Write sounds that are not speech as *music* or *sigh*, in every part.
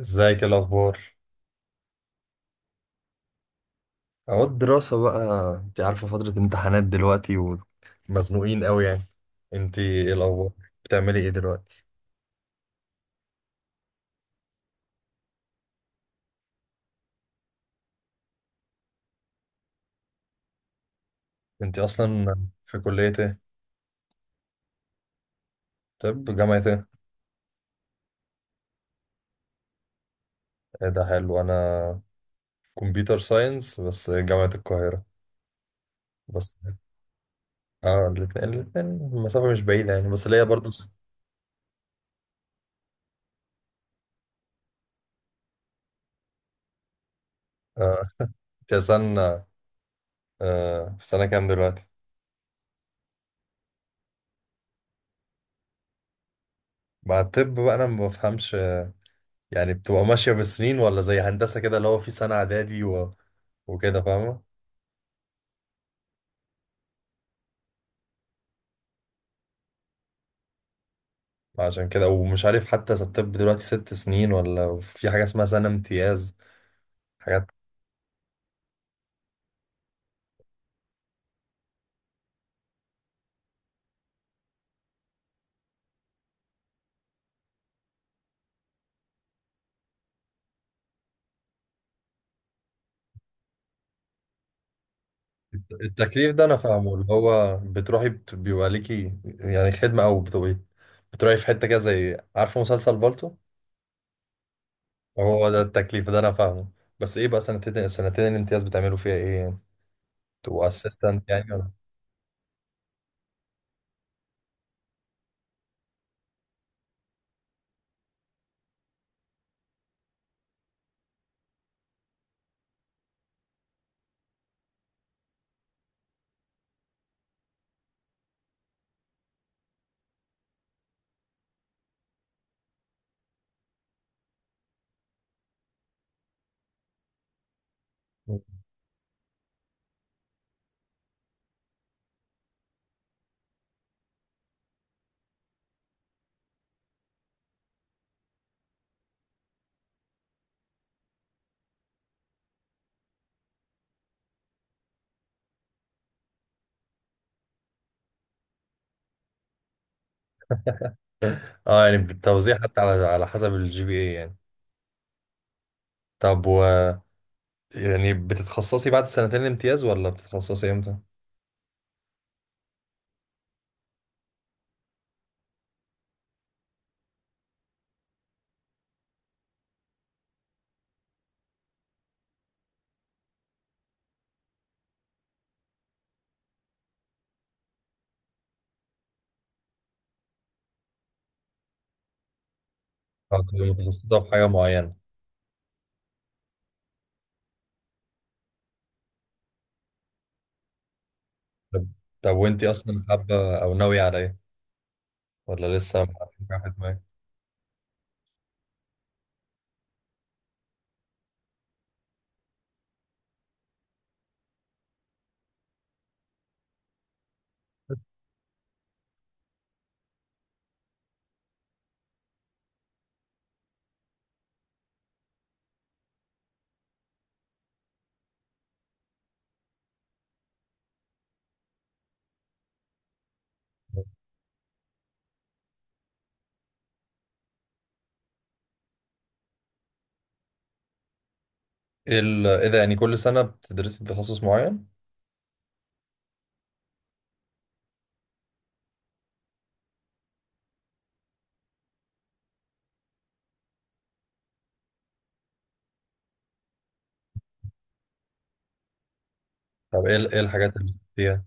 ازيك؟ إيه الاخبار؟ اهو الدراسة بقى. انت عارفة فترة امتحانات دلوقتي، ومزنوقين قوي يعني. انت، ايه الاخبار؟ بتعملي ايه دلوقتي؟ انت اصلا في كلية ايه؟ طب جامعة ايه؟ إيه ده حلو، انا كمبيوتر ساينس بس جامعة القاهرة بس. اه، الاتنين المسافة مش بعيدة يعني، بس ليا برضو آه. انت سنة، آه في سنة كام دلوقتي؟ مع الطب بقى انا ما بفهمش، آه، يعني بتبقى ماشية بالسنين ولا زي هندسة كده اللي هو في سنة اعدادي وكده، فاهمة؟ عشان كده ومش عارف حتى إذا الطب دلوقتي 6 سنين ولا في حاجة اسمها سنة امتياز، حاجات. التكليف ده أنا فاهمه، اللي هو بتروحي بيبقى ليكي يعني خدمة، أو بتبقي بتروحي في حتة كده، زي عارفة مسلسل بالطو. هو ده التكليف، ده أنا فاهمه. بس إيه بقى سنتين الامتياز بتعملوا فيها إيه يعني؟ تبقوا أسيستنت يعني، ولا؟ *laughs* اه، يعني بالتوزيع حتى على على حسب الجي بي اي يعني. طب و، يعني بتتخصصي بعد سنتين الامتياز ولا بتتخصصي امتى؟ آه، بتبقي متخصصة في حاجة معينة. طب، طب وانت اصلا حابه او ناويه على ايه؟ ولا لسه ما فيش حاجة في دماغك؟ ايه ايه ده، يعني كل سنه بتدرسي تخصص معين؟ طب ايه ايه الحاجات اللي بتدرسيها؟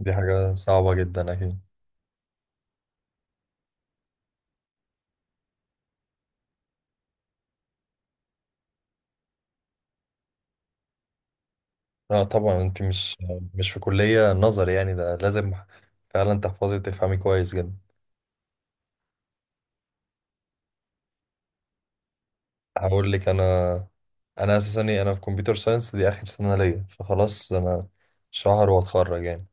دي حاجه صعبه جدا اكيد. اه طبعا، انت مش في كليه نظري يعني، ده لازم فعلا تحفظي وتفهمي كويس جدا. هقول لك انا، انا اساسا إيه، انا في كمبيوتر ساينس، دي اخر سنه ليا فخلاص انا شهر واتخرج يعني،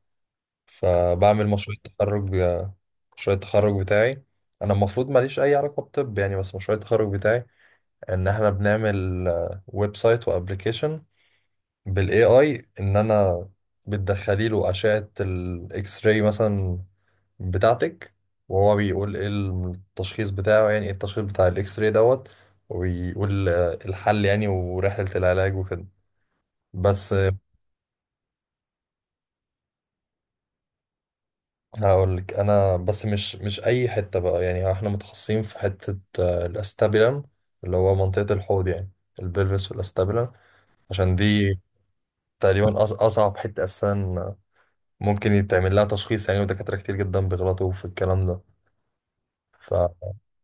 فبعمل مشروع التخرج مشروع التخرج بتاعي. انا المفروض ماليش اي علاقه بطب يعني، بس مشروع التخرج بتاعي ان احنا بنعمل ويب سايت وابلكيشن بالاي اي، ان انا بتدخلي له اشعه الاكس راي مثلا بتاعتك، وهو بيقول ايه التشخيص بتاعه، يعني ايه التشخيص بتاع الاكس راي دوت، وبيقول آه، الحل يعني ورحله العلاج وكده، بس. هقول لك انا، بس مش اي حته بقى يعني، احنا متخصصين في حته آه، الاستابيلم، اللي هو منطقه الحوض يعني، البلفس والاستابيلم. عشان دي تقريبا اصعب حته اساسا ممكن يتعمل لها تشخيص يعني، ودكاتره كتير جدا بيغلطوا في الكلام ده.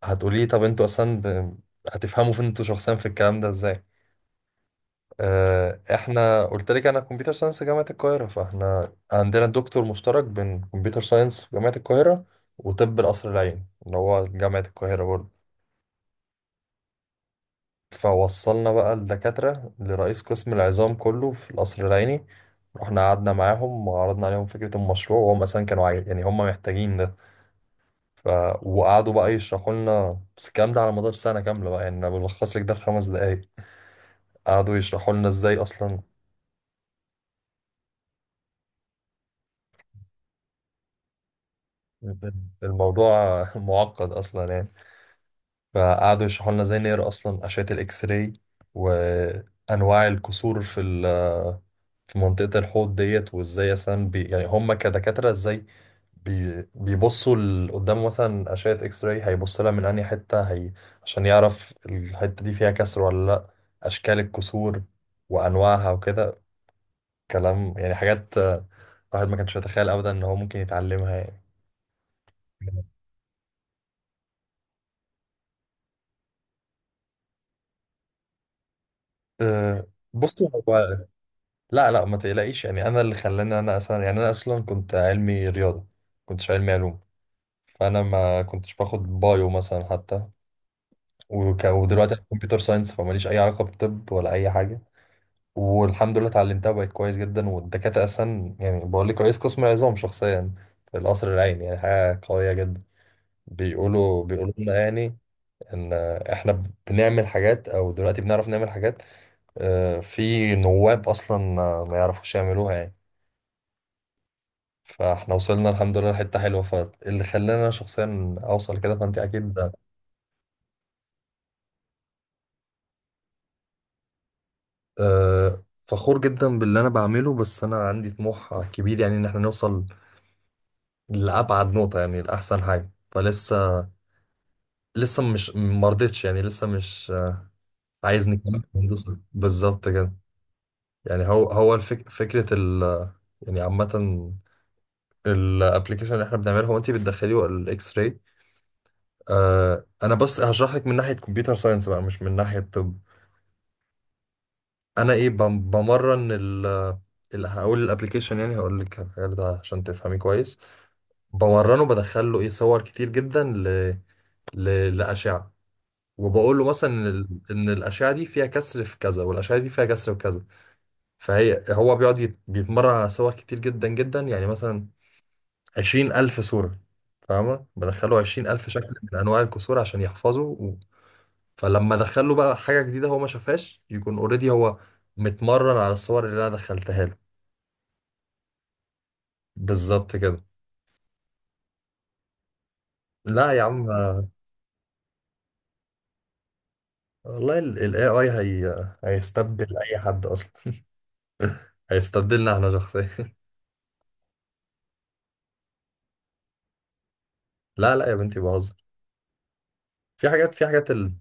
فهتقولي طب انتوا اصلا هتفهموا فين انتوا شخصيا في الكلام ده ازاي؟ آه، احنا قلت لك انا كمبيوتر ساينس جامعة القاهرة، فاحنا عندنا دكتور مشترك بين كمبيوتر ساينس في جامعة القاهرة وطب القصر العيني اللي هو جامعة القاهرة برضه. فوصلنا بقى الدكاترة لرئيس قسم العظام كله في القصر العيني، رحنا قعدنا معاهم وعرضنا عليهم فكرة المشروع، وهم أساسا كانوا يعني هم محتاجين ده، ف... وقعدوا بقى يشرحوا لنا، بس الكلام ده على مدار سنة كاملة بقى يعني، أنا بلخص لك ده في 5 دقايق. قعدوا يشرحوا لنا ازاي أصلا الموضوع *laughs* معقد أصلا يعني، فقعدوا يشرحوا لنا ازاي نقرا اصلا اشعه الاكس راي، وانواع الكسور في منطقه الحوض ديت، وازاي مثلا بي يعني هم كدكاتره ازاي بي بيبصوا قدام، مثلا اشعه اكس راي هيبص لها من انهي حته هي عشان يعرف الحته دي فيها كسر ولا لا، اشكال الكسور وانواعها وكده كلام، يعني حاجات آه، الواحد ما كانش يتخيل ابدا ان هو ممكن يتعلمها يعني. آه، بصوا هو، لا لا ما تقلقيش يعني، انا اللي خلاني انا اصلا يعني، انا اصلا كنت علمي رياضه، كنتش علمي علوم، فانا ما كنتش باخد بايو مثلا حتى، ودلوقتي انا كمبيوتر ساينس فماليش اي علاقه بطب ولا اي حاجه. والحمد لله اتعلمتها بقت كويس جدا، والدكاتره اصلا يعني بقول لك رئيس قسم العظام شخصيا في القصر العيني، يعني حاجه قويه جدا. بيقولوا لنا يعني ان احنا بنعمل حاجات، او دلوقتي بنعرف نعمل حاجات، آه، في نواب اصلا ما يعرفوش يعملوها يعني. فاحنا وصلنا الحمد لله لحتة حلوة، فاللي خلاني انا شخصيا اوصل كده، فانت اكيد آه، فخور جدا باللي انا بعمله، بس انا عندي طموح كبير يعني، ان احنا نوصل لابعد نقطة يعني لاحسن حاجة، فلسه لسه مش مرضتش يعني، لسه مش آه، عايز نكمل في الهندسة بالظبط كده يعني. هو هو الفك فكرة ال، يعني عامة الابلكيشن اللي احنا بنعمله، هو انت بتدخليه الاكس راي، آه، انا بس هشرح لك من ناحية كمبيوتر ساينس بقى مش من ناحية طب. انا ايه بمرن ال، اللي هقول الابلكيشن يعني، هقول لك الحاجات ده عشان تفهمي كويس. بمرنه بدخل له ايه صور كتير جدا لاشعه، وبقول له مثلا ان إن الاشعه دي فيها كسر في كذا، والاشعه دي فيها كسر في كذا. فهي، هو بيقعد بيتمرن على صور كتير جدا جدا يعني، مثلا 20,000 صوره، فاهمه، بدخله 20,000 شكل من انواع الكسور عشان يحفظه فلما ادخله بقى حاجه جديده هو ما شافهاش، يكون اوريدي هو متمرن على الصور اللي انا دخلتها له، بالظبط كده. لا يا عم، والله ال AI هي هيستبدل أي حد أصلا، *laughs* هيستبدلنا احنا شخصيا *laughs* لا لا يا بنتي بهزر، في حاجات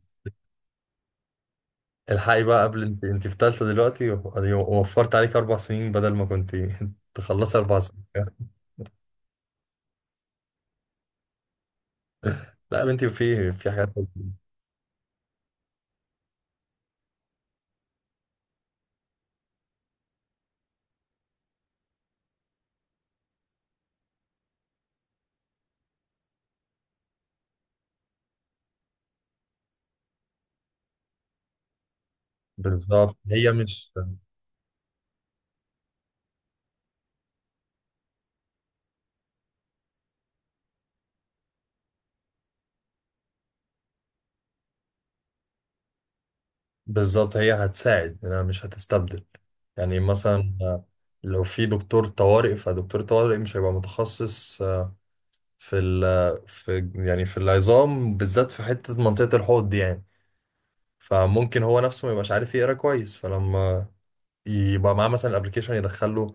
الحقي بقى قبل، انت في تالتة دلوقتي أدي وفرت عليك 4 سنين بدل ما كنت *laughs* تخلصي 4 سنين. لا يا بنتي في حاجات. بالظبط هي مش بالظبط هي هتساعد، أنا مش هتستبدل. يعني مثلا لو في دكتور طوارئ، فدكتور طوارئ مش هيبقى متخصص في ال في يعني في العظام بالذات في حتة منطقة الحوض دي يعني، فممكن هو نفسه ما يبقاش عارف يقرا كويس، فلما يبقى معاه مثلا الابلكيشن يدخله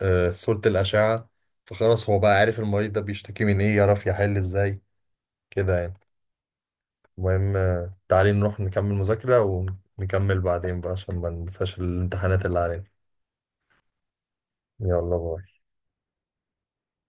آه، صورة الأشعة، فخلاص هو بقى عارف المريض ده بيشتكي من إيه، يعرف يحل إزاي كده يعني. المهم آه، تعالي نروح نكمل مذاكرة، ونكمل بعدين بقى عشان ما ننساش الامتحانات اللي علينا. يلا، باي.